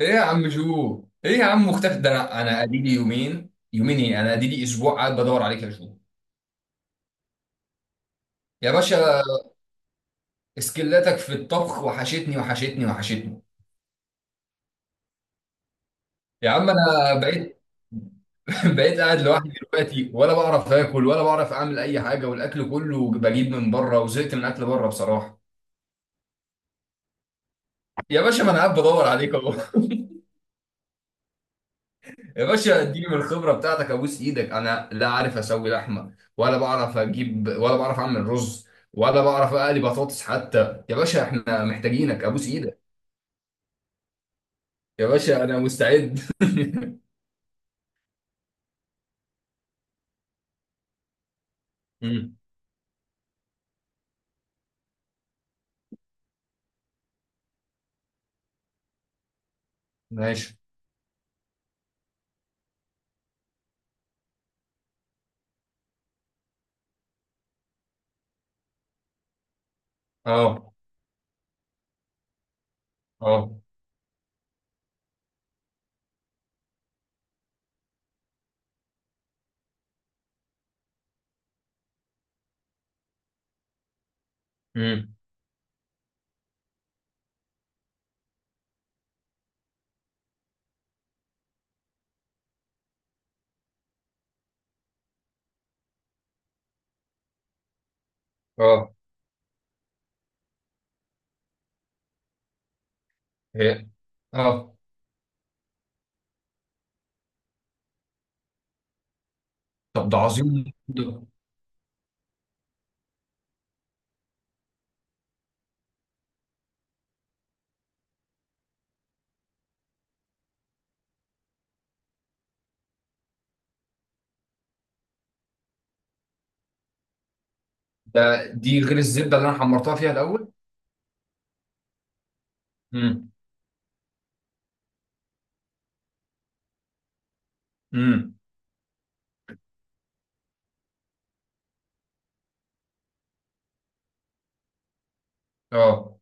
ايه يا عم جو، ايه يا عم، مختفي. ده انا اديلي يومين يومين، ايه، انا اديلي اسبوع، قاعد بدور عليك يا جو. يا باشا، سكلاتك في الطبخ وحشتني وحشتني وحشتني. يا عم انا بقيت بقيت قاعد لوحدي دلوقتي، ولا بعرف اكل ولا بعرف اعمل اي حاجه، والاكل كله بجيب من بره، وزهقت من اكل بره بصراحه. يا باشا، ما انا قاعد بدور عليك اهو يا باشا، اديني من الخبرة بتاعتك، ابوس ايدك، انا لا عارف اسوي لحمة، ولا بعرف اجيب، ولا بعرف اعمل رز، ولا بعرف اقلي بطاطس حتى، يا باشا احنا محتاجينك، ابوس ايدك. يا باشا، انا مستعد. مم. ماشي. اه، اه. مم. اه. هي. اه. طب ده عظيم ده. ده دي غير الزبدة اللي انا حمرتها فيها الاول. امم. امم. اه.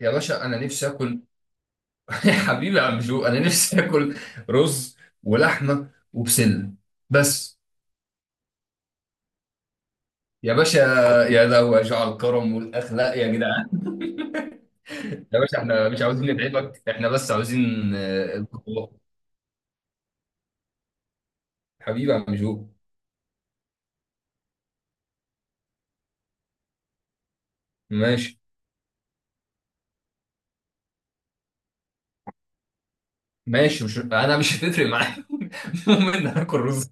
يا باشا، انا نفسي اكل. يا حبيبي يا عم جو، انا نفسي اكل رز ولحمه وبسله، بس. يا باشا، يا لو يا جعل الكرم والاخلاق يا جدعان يا باشا، احنا مش عاوزين نتعبك، احنا بس عاوزين البطولات. حبيبي يا عم جو. ماشي. ماشي، مش انا مش هتفرق معايا المهم ان انا اكل رز.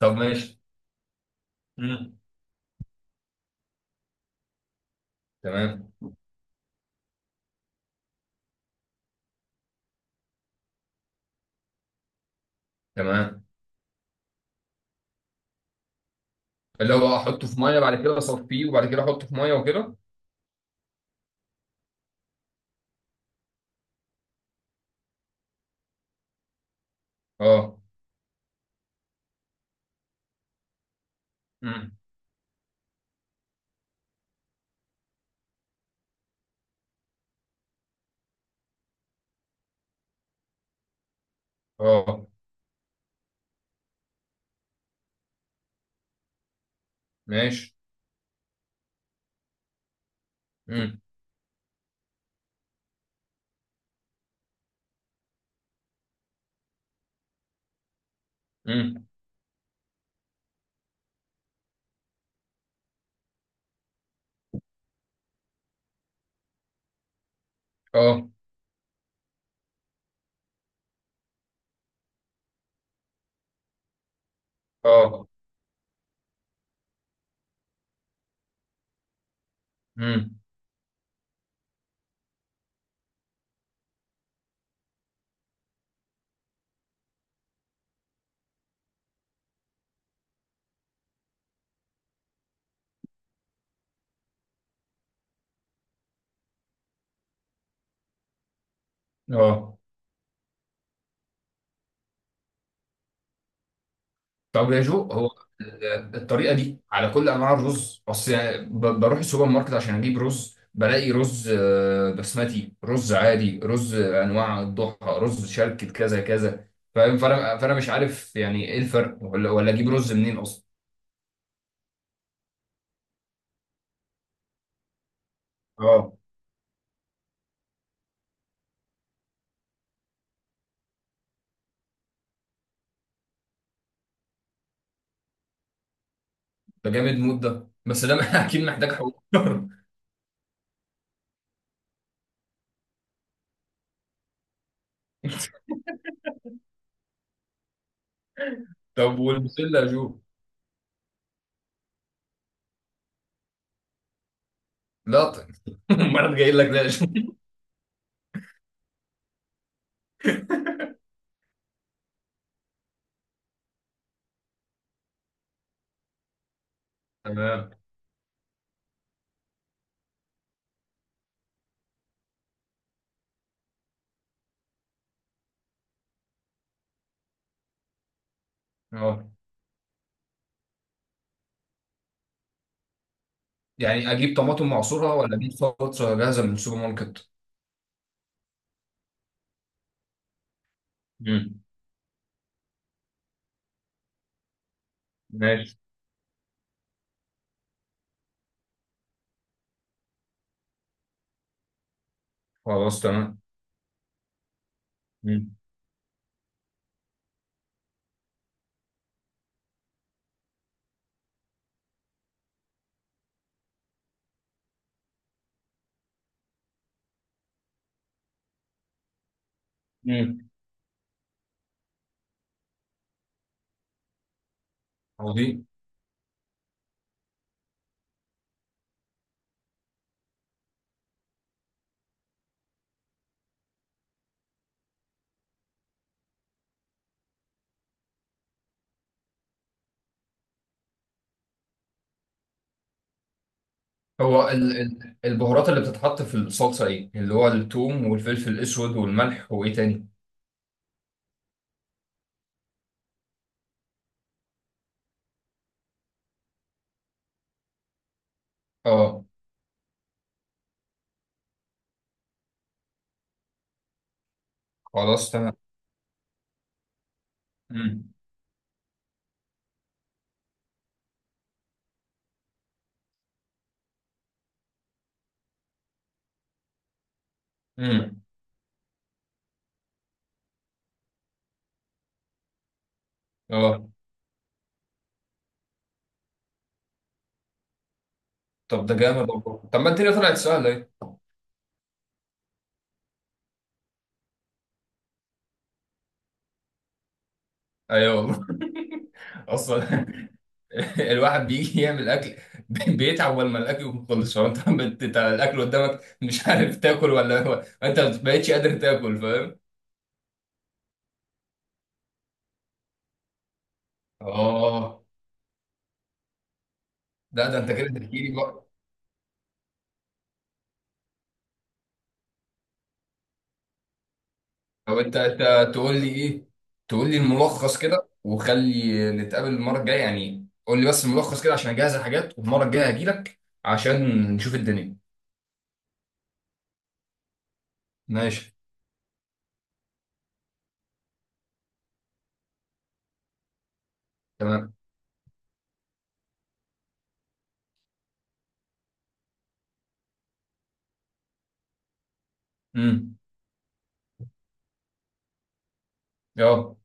طب ماشي. مم. تمام. تمام. اللي هو احطه في ميه، بعد كده اصفيه، وبعد كده احطه في ميه، وكده. اه. مم. اه. ماشي. مم. مم. اه. اه. امم. اه. طب يا جو، هو الطريقه دي على كل انواع الرز؟ اصل يعني بروح السوبر ماركت عشان اجيب رز، بلاقي رز بسمتي، رز عادي، رز انواع الضحى، رز شركة كذا كذا. فاهم؟ فانا مش عارف يعني ايه الفرق، ولا اجيب رز منين اصلا. اه. ده جامد مود ده، بس ده اكيد محتاج حوار. طب والبسله يا جو؟ لا طيب. امال أنا جاي لك ده يا جو. تمام. اه. يعني اجيب طماطم معصوره، ولا اجيب صلصه جاهزه من السوبر ماركت؟ مم. ماشي. خلاص تمام. مم. مم. عظيم. هو ال البهارات اللي بتتحط في الصلصة ايه؟ اللي هو الثوم والفلفل الأسود والملح وإيه تاني؟ اه. خلاص تمام. مم. مم. اه. طب ده جامد والله. طب ما الدنيا طلعت سهلة ايه؟ ايوه والله. اصلا الواحد بيجي يعمل اكل بيتعب اول ما الاكل يكون خلص. هو انت انت الاكل قدامك مش عارف تاكل، ولا هو انت ما بقتش قادر تاكل، فاهم؟ اه. لا، ده انت كده تحكي لي بقى. او انت تقول لي ايه، تقول لي الملخص كده، وخلي نتقابل المره الجايه، يعني قول لي بس الملخص كده عشان اجهز الحاجات، والمره الجايه هجي لك عشان نشوف الدنيا. ماشي. تمام. امم. اه.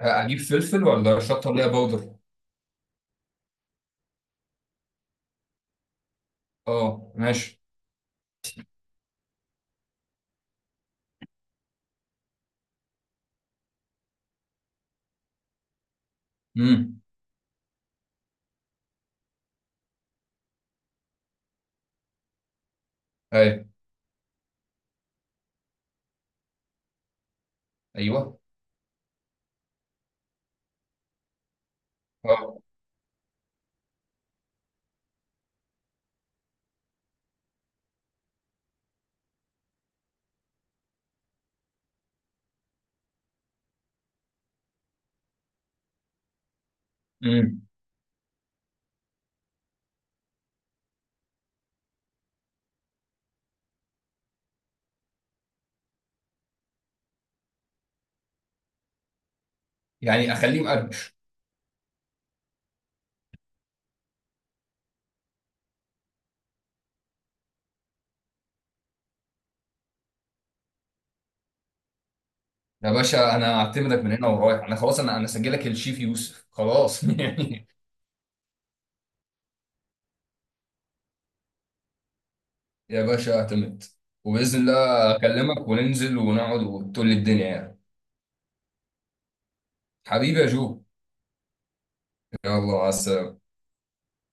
هجيب فلفل، ولا شطه، ولا باودر؟ اه ماشي. امم. ايوه. ايوه. اه. امم. يعني اخليه مقرمش؟ يا باشا، انا اعتمدك من هنا ورايح، انا خلاص، انا سجلك الشيف يوسف، خلاص يعني. يا باشا، اعتمد. وبإذن الله أكلمك، وننزل، ونقعد، وتقول لي الدنيا يعني. حبيبي يا جو. يلا مع السلامة.